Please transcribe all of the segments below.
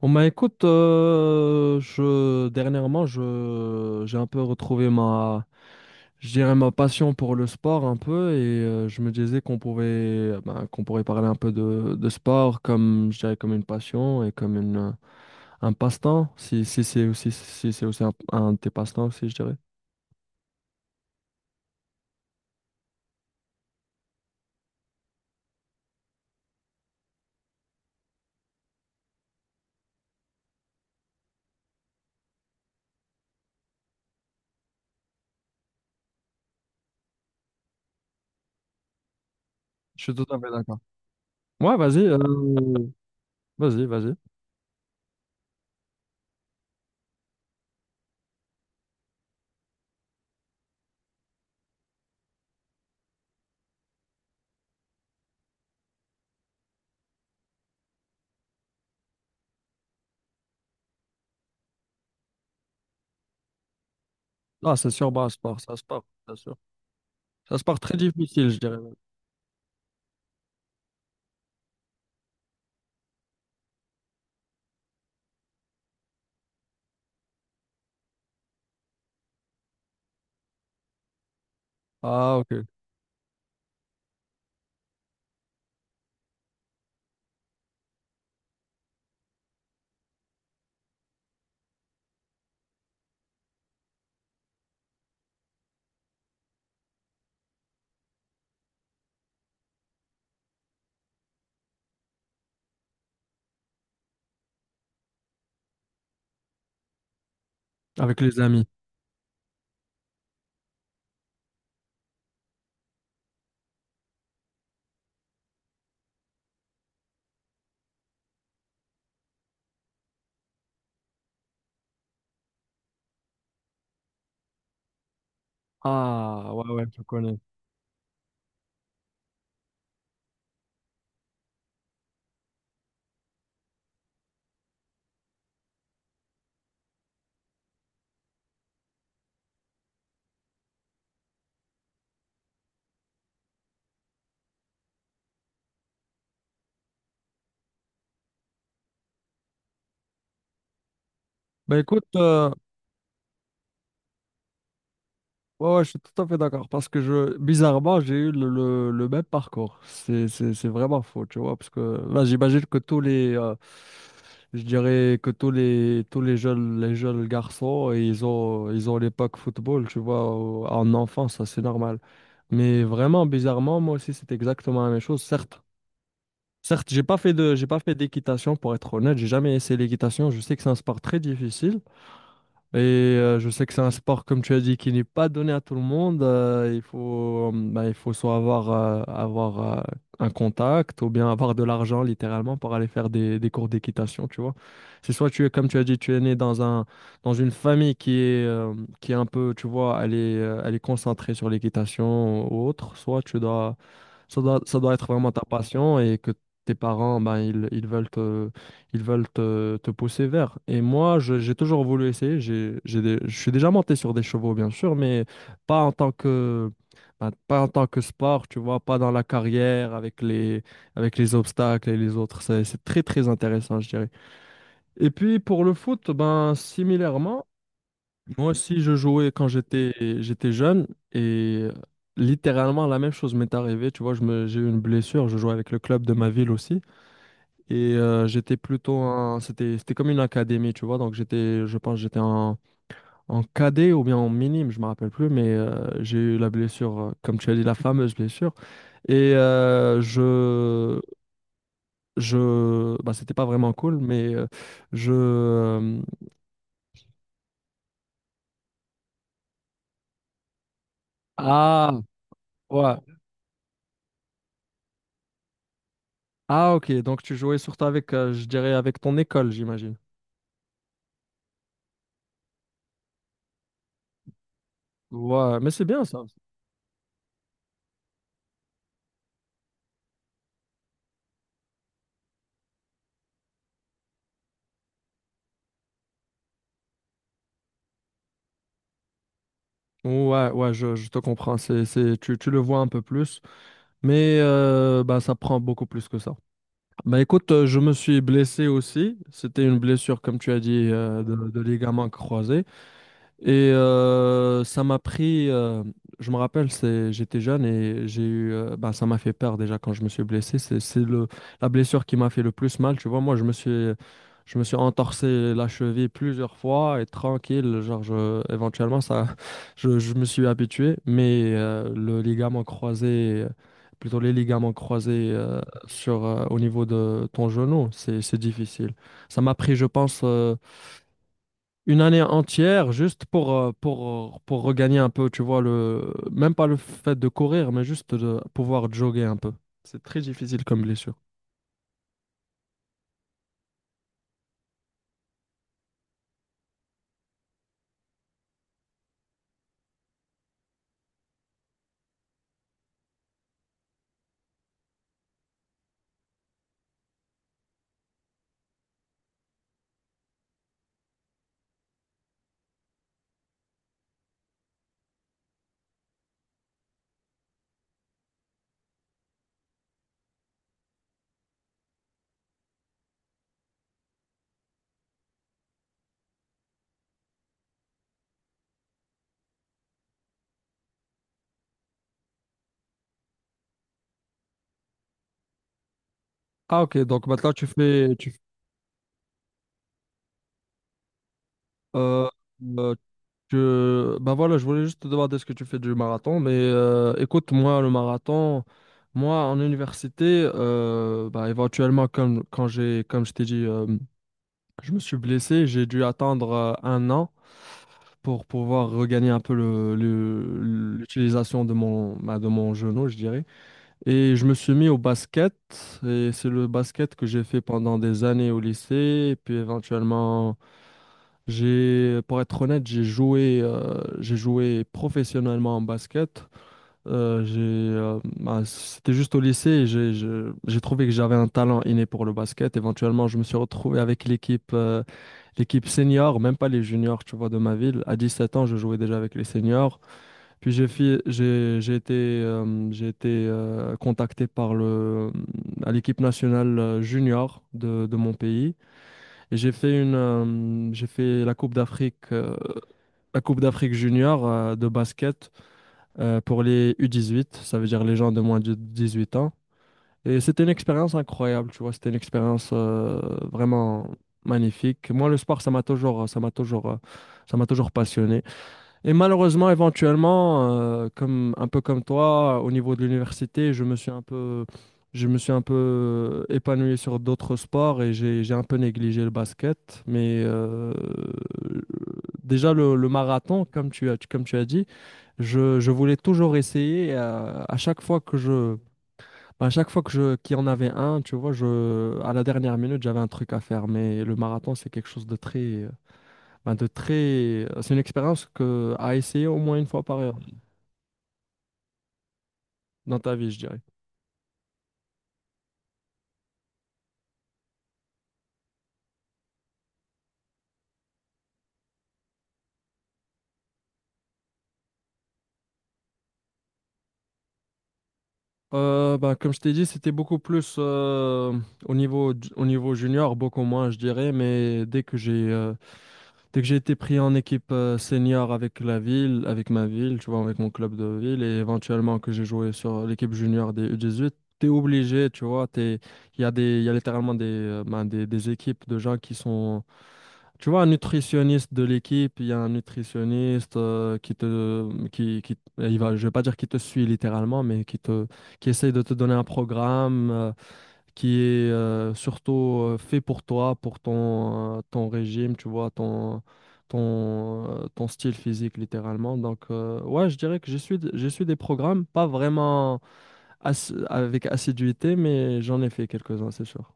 Bon bah écoute, je dernièrement je j'ai un peu retrouvé ma je dirais ma passion pour le sport un peu. Et je me disais qu'on pouvait qu'on pourrait parler un peu de sport comme je dirais, comme une passion et comme une un passe-temps, si c'est aussi, si c'est aussi un de tes passe-temps aussi, je dirais. Je suis tout à fait d'accord. Ouais, vas-y, vas-y. Ah, c'est sûr, bah, sport, ça se porte, c'est sûr. Ça se porte très difficile, je dirais. Même. Ah, ok. Avec les amis. Ah, ouais, ouais, je connais. Bah, écoute, ouais, ouais, je suis tout à fait d'accord. Parce que bizarrement, j'ai eu le même parcours. C'est vraiment faux, tu vois. Parce que là, j'imagine que tous je dirais que tous tous les jeunes garçons, ils ont l'époque football, tu vois, en enfance, ça, c'est normal. Mais vraiment, bizarrement, moi aussi, c'est exactement la même chose. Certes, certes, j'ai pas j'ai pas fait d'équitation, pour être honnête. J'ai jamais essayé l'équitation, je sais que c'est un sport très difficile, et je sais que c'est un sport, comme tu as dit, qui n'est pas donné à tout le monde. Bah, il faut soit avoir, avoir un contact, ou bien avoir de l'argent littéralement pour aller faire des cours d'équitation, tu vois. C'est soit tu es, comme tu as dit, tu es né dans une famille qui est un peu, tu vois, elle est concentrée sur l'équitation ou autre, soit tu dois, ça doit être vraiment ta passion, et que tes parents, ben, ils veulent, ils veulent te pousser vers. Et moi, j'ai toujours voulu essayer. Je suis déjà monté sur des chevaux, bien sûr, mais pas en tant que, ben, pas en tant que sport, tu vois, pas dans la carrière avec avec les obstacles et les autres. C'est très, très intéressant, je dirais. Et puis, pour le foot, ben, similairement, moi aussi, je jouais quand j'étais jeune. Et littéralement, la même chose m'est arrivée. Tu vois, j'ai eu une blessure. Je jouais avec le club de ma ville aussi. Et j'étais plutôt un... C'était, c'était comme une académie, tu vois. Donc j'étais, je pense, que en cadet ou bien en minime, je me rappelle plus. Mais j'ai eu la blessure, comme tu as dit, la fameuse blessure. Et je... Bah, c'était pas vraiment cool, mais je... euh, ah, ouais. Ah, ok. Donc tu jouais surtout avec, je dirais, avec ton école, j'imagine. Ouais, mais c'est bien ça. Ouais, ouais, je te comprends. Tu le vois un peu plus, mais bah, ça prend beaucoup plus que ça. Bah écoute, je me suis blessé aussi. C'était une blessure, comme tu as dit, de ligament croisé. Et ça m'a pris, je me rappelle, c'est, j'étais jeune et j'ai eu, ben, ça m'a fait peur déjà quand je me suis blessé. C'est le, la blessure qui m'a fait le plus mal. Tu vois, moi, je me suis entorsé la cheville plusieurs fois, et tranquille, genre, je, éventuellement, ça, je me suis habitué. Mais le ligament croisé, plutôt les ligaments croisés au niveau de ton genou, c'est difficile. Ça m'a pris, je pense. Une année entière juste pour regagner un peu, tu vois, le, même pas le fait de courir, mais juste de pouvoir jogger un peu. C'est très difficile comme blessure. Ah ok, donc maintenant tu fais... euh, euh, ben voilà, je voulais juste te demander ce que tu fais du marathon, mais écoute, moi, le marathon, moi, en université, bah, éventuellement, comme, comme je t'ai dit, je me suis blessé, j'ai dû attendre un an pour pouvoir regagner un peu l'utilisation de mon, bah, de mon genou, je dirais. Et je me suis mis au basket, et c'est le basket que j'ai fait pendant des années au lycée, et puis éventuellement, pour être honnête, j'ai joué professionnellement en basket. Bah, c'était juste au lycée, et j'ai trouvé que j'avais un talent inné pour le basket. Éventuellement, je me suis retrouvé avec l'équipe senior, même pas les juniors, tu vois, de ma ville. À 17 ans, je jouais déjà avec les seniors. Puis j'ai été contacté par le à l'équipe nationale junior de mon pays, et j'ai fait la Coupe d'Afrique junior de basket pour les U18, ça veut dire les gens de moins de 18 ans. Et c'était une expérience incroyable, tu vois, c'était une expérience vraiment magnifique. Moi, le sport, ça m'a toujours passionné. Et malheureusement, éventuellement, comme un peu comme toi, au niveau de l'université, je me suis un peu épanoui sur d'autres sports, et j'ai un peu négligé le basket. Mais déjà le marathon, comme tu as dit, je voulais toujours essayer. À chaque fois que je, qu'il y en avait un, tu vois, je, à la dernière minute, j'avais un truc à faire. Mais le marathon, c'est quelque chose de très, de très... c'est une expérience que... à essayer au moins une fois par heure dans ta vie, je dirais. Ben, comme je t'ai dit, c'était beaucoup plus au niveau junior, beaucoup moins, je dirais, mais dès que j'ai été pris en équipe senior avec la ville, avec ma ville, tu vois, avec mon club de ville, et éventuellement que j'ai joué sur l'équipe junior des U18, t'es obligé, tu vois, t'es, il y a des, il y a littéralement des, des équipes de gens qui sont, tu vois, un nutritionniste de l'équipe, il y a un nutritionniste qui te, il va, je vais pas dire qui te suit littéralement, mais qui te, qui essaye de te donner un programme. Qui est surtout fait pour toi, pour ton, ton régime, tu vois, ton style physique littéralement. Donc, ouais, je dirais que je suis des programmes, pas vraiment avec assiduité, mais j'en ai fait quelques-uns, c'est sûr.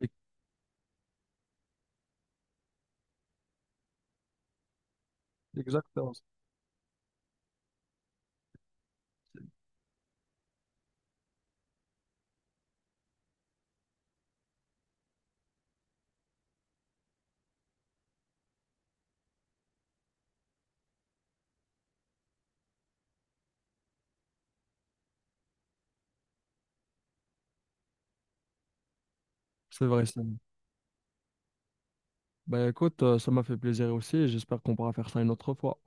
E- Exactement. C'est vrai, Samy. Ben écoute, ça m'a fait plaisir aussi, et j'espère qu'on pourra faire ça une autre fois.